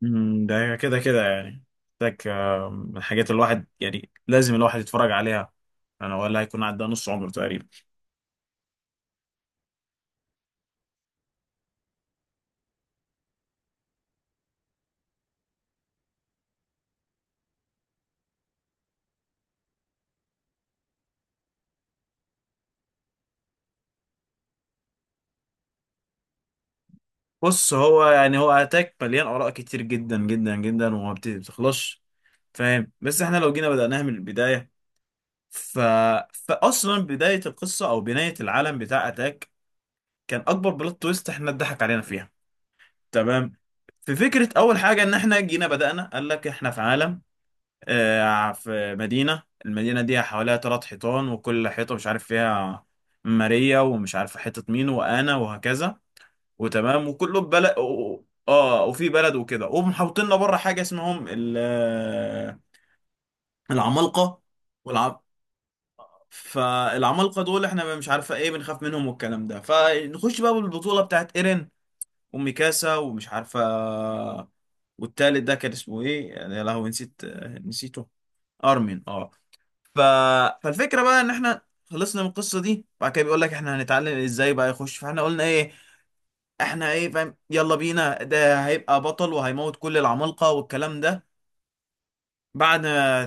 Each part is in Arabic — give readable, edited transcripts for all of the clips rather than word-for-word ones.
ده كده كده يعني محتاج من الحاجات الواحد يعني لازم الواحد يتفرج عليها. انا ولا هيكون عدى نص عمره تقريبا. بص هو يعني هو اتاك مليان اراء كتير جدا جدا جدا وما بتخلصش. فاهم، بس احنا لو جينا بدأناها من البداية ف... فاصلا بداية القصة او بناية العالم بتاع اتاك، كان اكبر بلوت تويست احنا اتضحك علينا فيها. تمام. في فكرة اول حاجة ان احنا جينا بدأنا قال لك احنا في عالم، في مدينة، المدينة دي حواليها تلات حيطان، وكل حيطة مش عارف فيها ماريا ومش عارف حيطة مين وأنا وهكذا، وتمام وكله ببلد. اه وفي بلد وكده، ومحوطيننا بره حاجة اسمهم العمالقة. والعم فالعمالقة دول احنا مش عارفة ايه، بنخاف منهم والكلام ده. فنخش بقى بالبطولة بتاعت ايرين وميكاسا ومش عارفة. والتالت ده كان اسمه ايه يا لهوي، نسيت، نسيته. ارمين، اه. ف... فالفكره بقى ان احنا خلصنا من القصه دي. بعد كده بيقول لك احنا هنتعلم ازاي بقى يخش، فاحنا قلنا ايه، احنا ايه، فاهم، يلا بينا، ده هيبقى بطل وهيموت كل العمالقه والكلام ده. بعد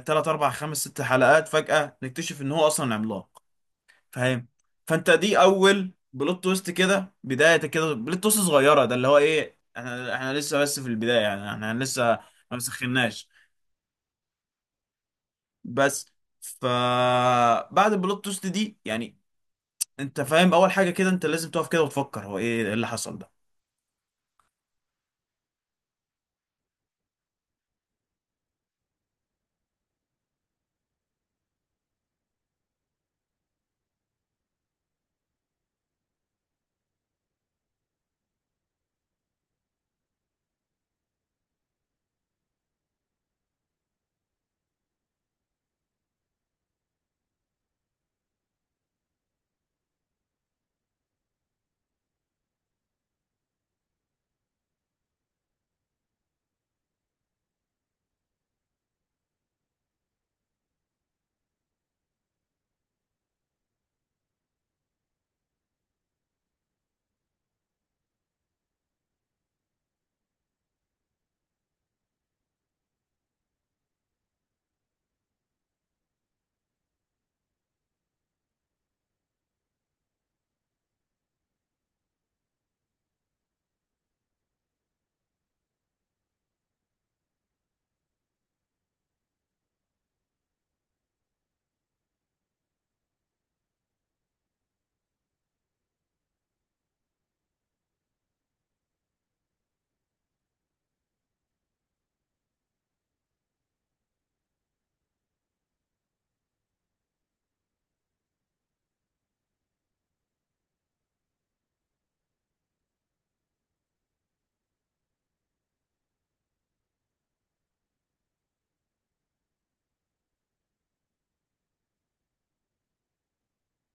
3 4 5 6 حلقات فجاه نكتشف ان هو اصلا عملاق. فاهم؟ فانت دي اول بلوت تويست كده، بدايه كده بلوت تويست صغيره، ده اللي هو ايه، احنا لسه بس في البدايه، يعني احنا لسه ما مسخناش، بس. فبعد البلوت تويست دي يعني، انت فاهم، اول حاجه كده انت لازم تقف كده وتفكر هو ايه اللي حصل ده.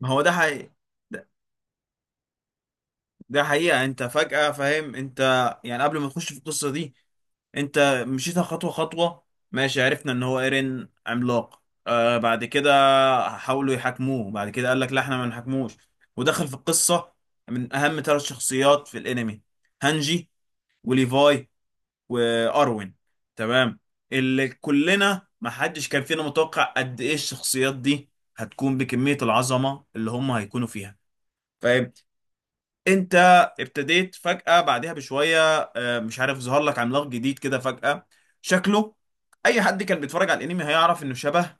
ما هو ده حقيقي، ده, ده حقيقه. انت فجاه فاهم، انت يعني قبل ما تخش في القصه دي، انت مشيتها خطوه خطوه. ماشي، عرفنا ان هو ايرين عملاق، بعد كده حاولوا يحاكموه، بعد كده قال لك لا احنا ما نحاكموش، ودخل في القصه من اهم ثلاث شخصيات في الانمي: هانجي وليفاي واروين. تمام، اللي كلنا ما حدش كان فينا متوقع قد ايه الشخصيات دي هتكون بكمية العظمة اللي هم هيكونوا فيها. فاهم؟ انت ابتديت فجأة بعدها بشوية، مش عارف، ظهر لك عملاق جديد كده فجأة، شكله اي حد كان بيتفرج على الانمي هيعرف انه شبه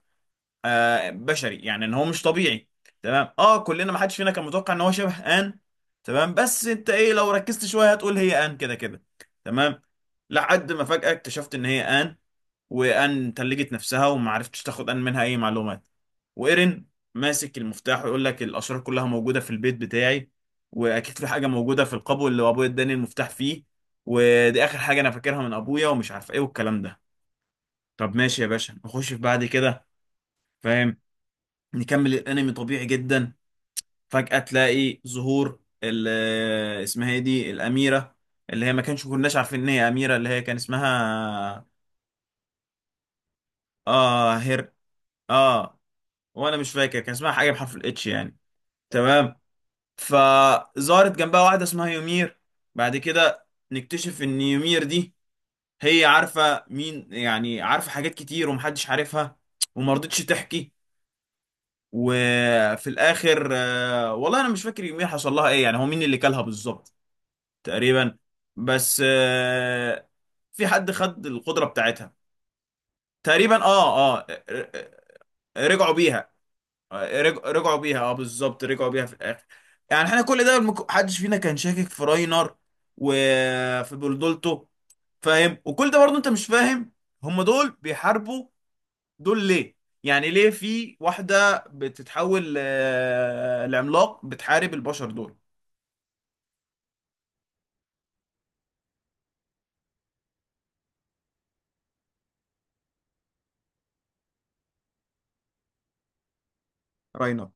بشري، يعني ان هو مش طبيعي. تمام، اه، كلنا ما حدش فينا كان متوقع ان هو شبه ان. تمام، بس انت ايه، لو ركزت شوية هتقول هي ان كده كده. تمام، لحد ما فجأة اكتشفت ان هي ان. وان تلجت نفسها وما عرفتش تاخد ان منها اي معلومات. وايرين ماسك المفتاح ويقول لك الاشرار كلها موجوده في البيت بتاعي، واكيد في حاجه موجوده في القبو اللي ابويا اداني المفتاح فيه، ودي اخر حاجه انا فاكرها من ابويا، ومش عارف ايه والكلام ده. طب ماشي يا باشا، نخش في بعد كده. فاهم؟ نكمل الانمي طبيعي جدا، فجاه تلاقي ظهور اسمها ايه دي، الاميره اللي هي ما كانش كناش عارفين ان هي اميره، اللي هي كان اسمها اه هير. اه، وانا مش فاكر كان اسمها حاجه بحرف الاتش يعني. تمام. فظهرت جنبها واحده اسمها يومير. بعد كده نكتشف ان يومير دي هي عارفه مين، يعني عارفه حاجات كتير ومحدش عارفها، وما رضتش تحكي. وفي الاخر والله انا مش فاكر يومير حصل لها ايه، يعني هو مين اللي كلها بالظبط. تقريبا بس، في حد خد القدره بتاعتها تقريبا، اه اه. رجعوا بيها، رجعوا بيها، اه بالظبط، رجعوا بيها في الاخر. يعني احنا كل ده محدش فينا كان شاكك في راينر وفي بلدولتو. فاهم؟ وكل ده برضه انت مش فاهم هم دول بيحاربوا دول ليه، يعني ليه في واحدة بتتحول لعملاق بتحارب البشر دول. راينر،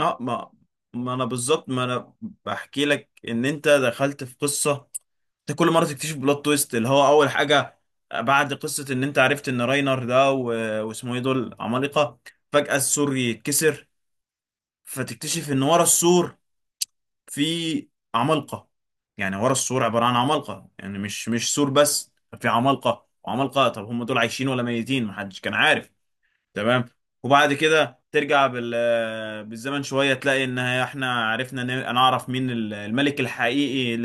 اه. ما انا بالظبط، ما انا بحكي لك ان انت دخلت في قصه، انت كل مره تكتشف بلوت تويست، اللي هو اول حاجه بعد قصه ان انت عرفت ان راينر ده واسمه ايه، دول عمالقه، فجاه السور يتكسر، فتكتشف ان ورا السور في عمالقه، يعني ورا السور عباره عن عمالقه، يعني مش سور بس، في عمالقه وعمالقه. طب هم دول عايشين ولا ميتين، محدش كان عارف. تمام. وبعد كده ترجع بالزمن شويه، تلاقي ان احنا عرفنا نعرف مين الملك الحقيقي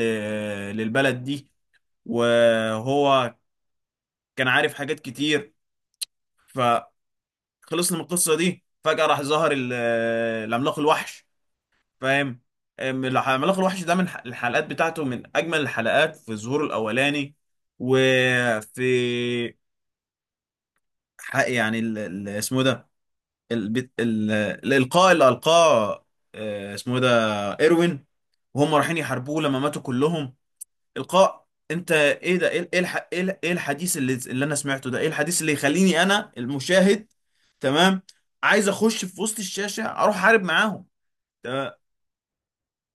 للبلد دي، وهو كان عارف حاجات كتير. فخلصنا من القصه دي، فجاه راح ظهر العملاق الوحش. فاهم؟ العملاق الوحش ده من الحلقات بتاعته من اجمل الحلقات في ظهوره الاولاني. وفي حق يعني اسمه إيه ده، الإلقاء اللي ألقاه، اسمه إيه ده، إيروين، وهم رايحين يحاربوه لما ماتوا كلهم. إلقاء، أنت إيه ده، إيه إيه إيه الحديث اللي أنا سمعته ده، إيه الحديث اللي يخليني أنا المشاهد تمام عايز أخش في وسط الشاشة أروح أحارب معاهم. تمام.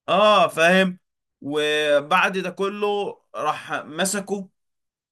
فاهم. وبعد ده كله راح مسكه،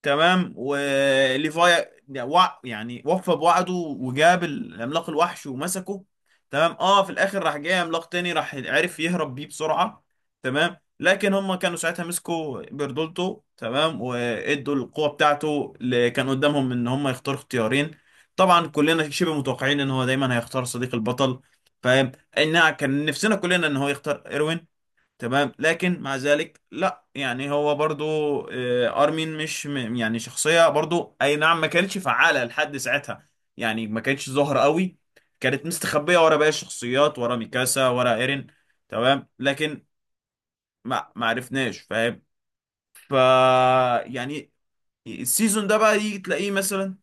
تمام، وليفاي يعني وفى بوعده وجاب العملاق الوحش ومسكه. تمام اه، في الاخر راح جاي عملاق تاني، راح عرف يهرب بيه بسرعة. تمام، لكن هم كانوا ساعتها مسكوا بيردولتو، تمام، وادوا القوة بتاعته اللي كان قدامهم ان هم يختاروا اختيارين. طبعا كلنا شبه متوقعين ان هو دايما هيختار صديق البطل. فاهم؟ ان كان نفسنا كلنا ان هو يختار ايروين. تمام لكن مع ذلك لا، يعني هو برضو، ارمين مش يعني شخصية برضو اي نعم، ما كانتش فعالة لحد ساعتها، يعني ما كانتش ظاهرة قوي، كانت مستخبية ورا باقي الشخصيات، ورا ميكاسا ورا ايرين. تمام لكن ما عرفناش، فاهم. ف يعني السيزون ده بقى يجي تلاقيه مثلا.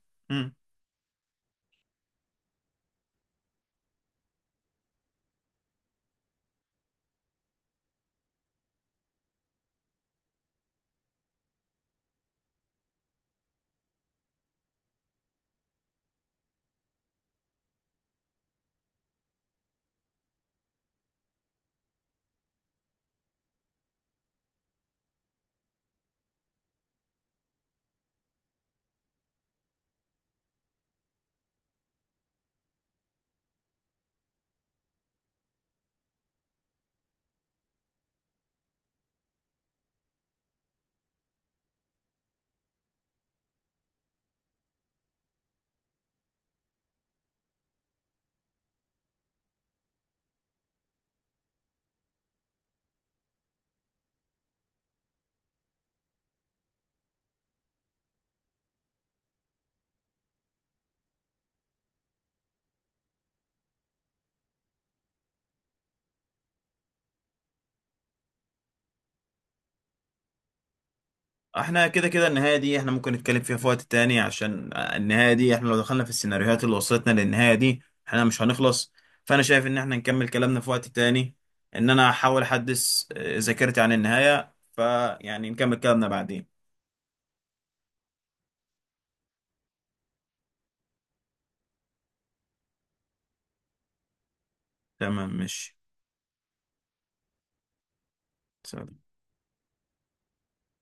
احنا كده كده النهاية دي احنا ممكن نتكلم فيها في وقت تاني، عشان النهاية دي احنا لو دخلنا في السيناريوهات اللي وصلتنا للنهاية دي احنا مش هنخلص. فانا شايف ان احنا نكمل كلامنا في وقت تاني، ان انا هحاول احدث ذاكرتي عن النهاية، فيعني نكمل كلامنا بعدين. تمام ماشي، سلام.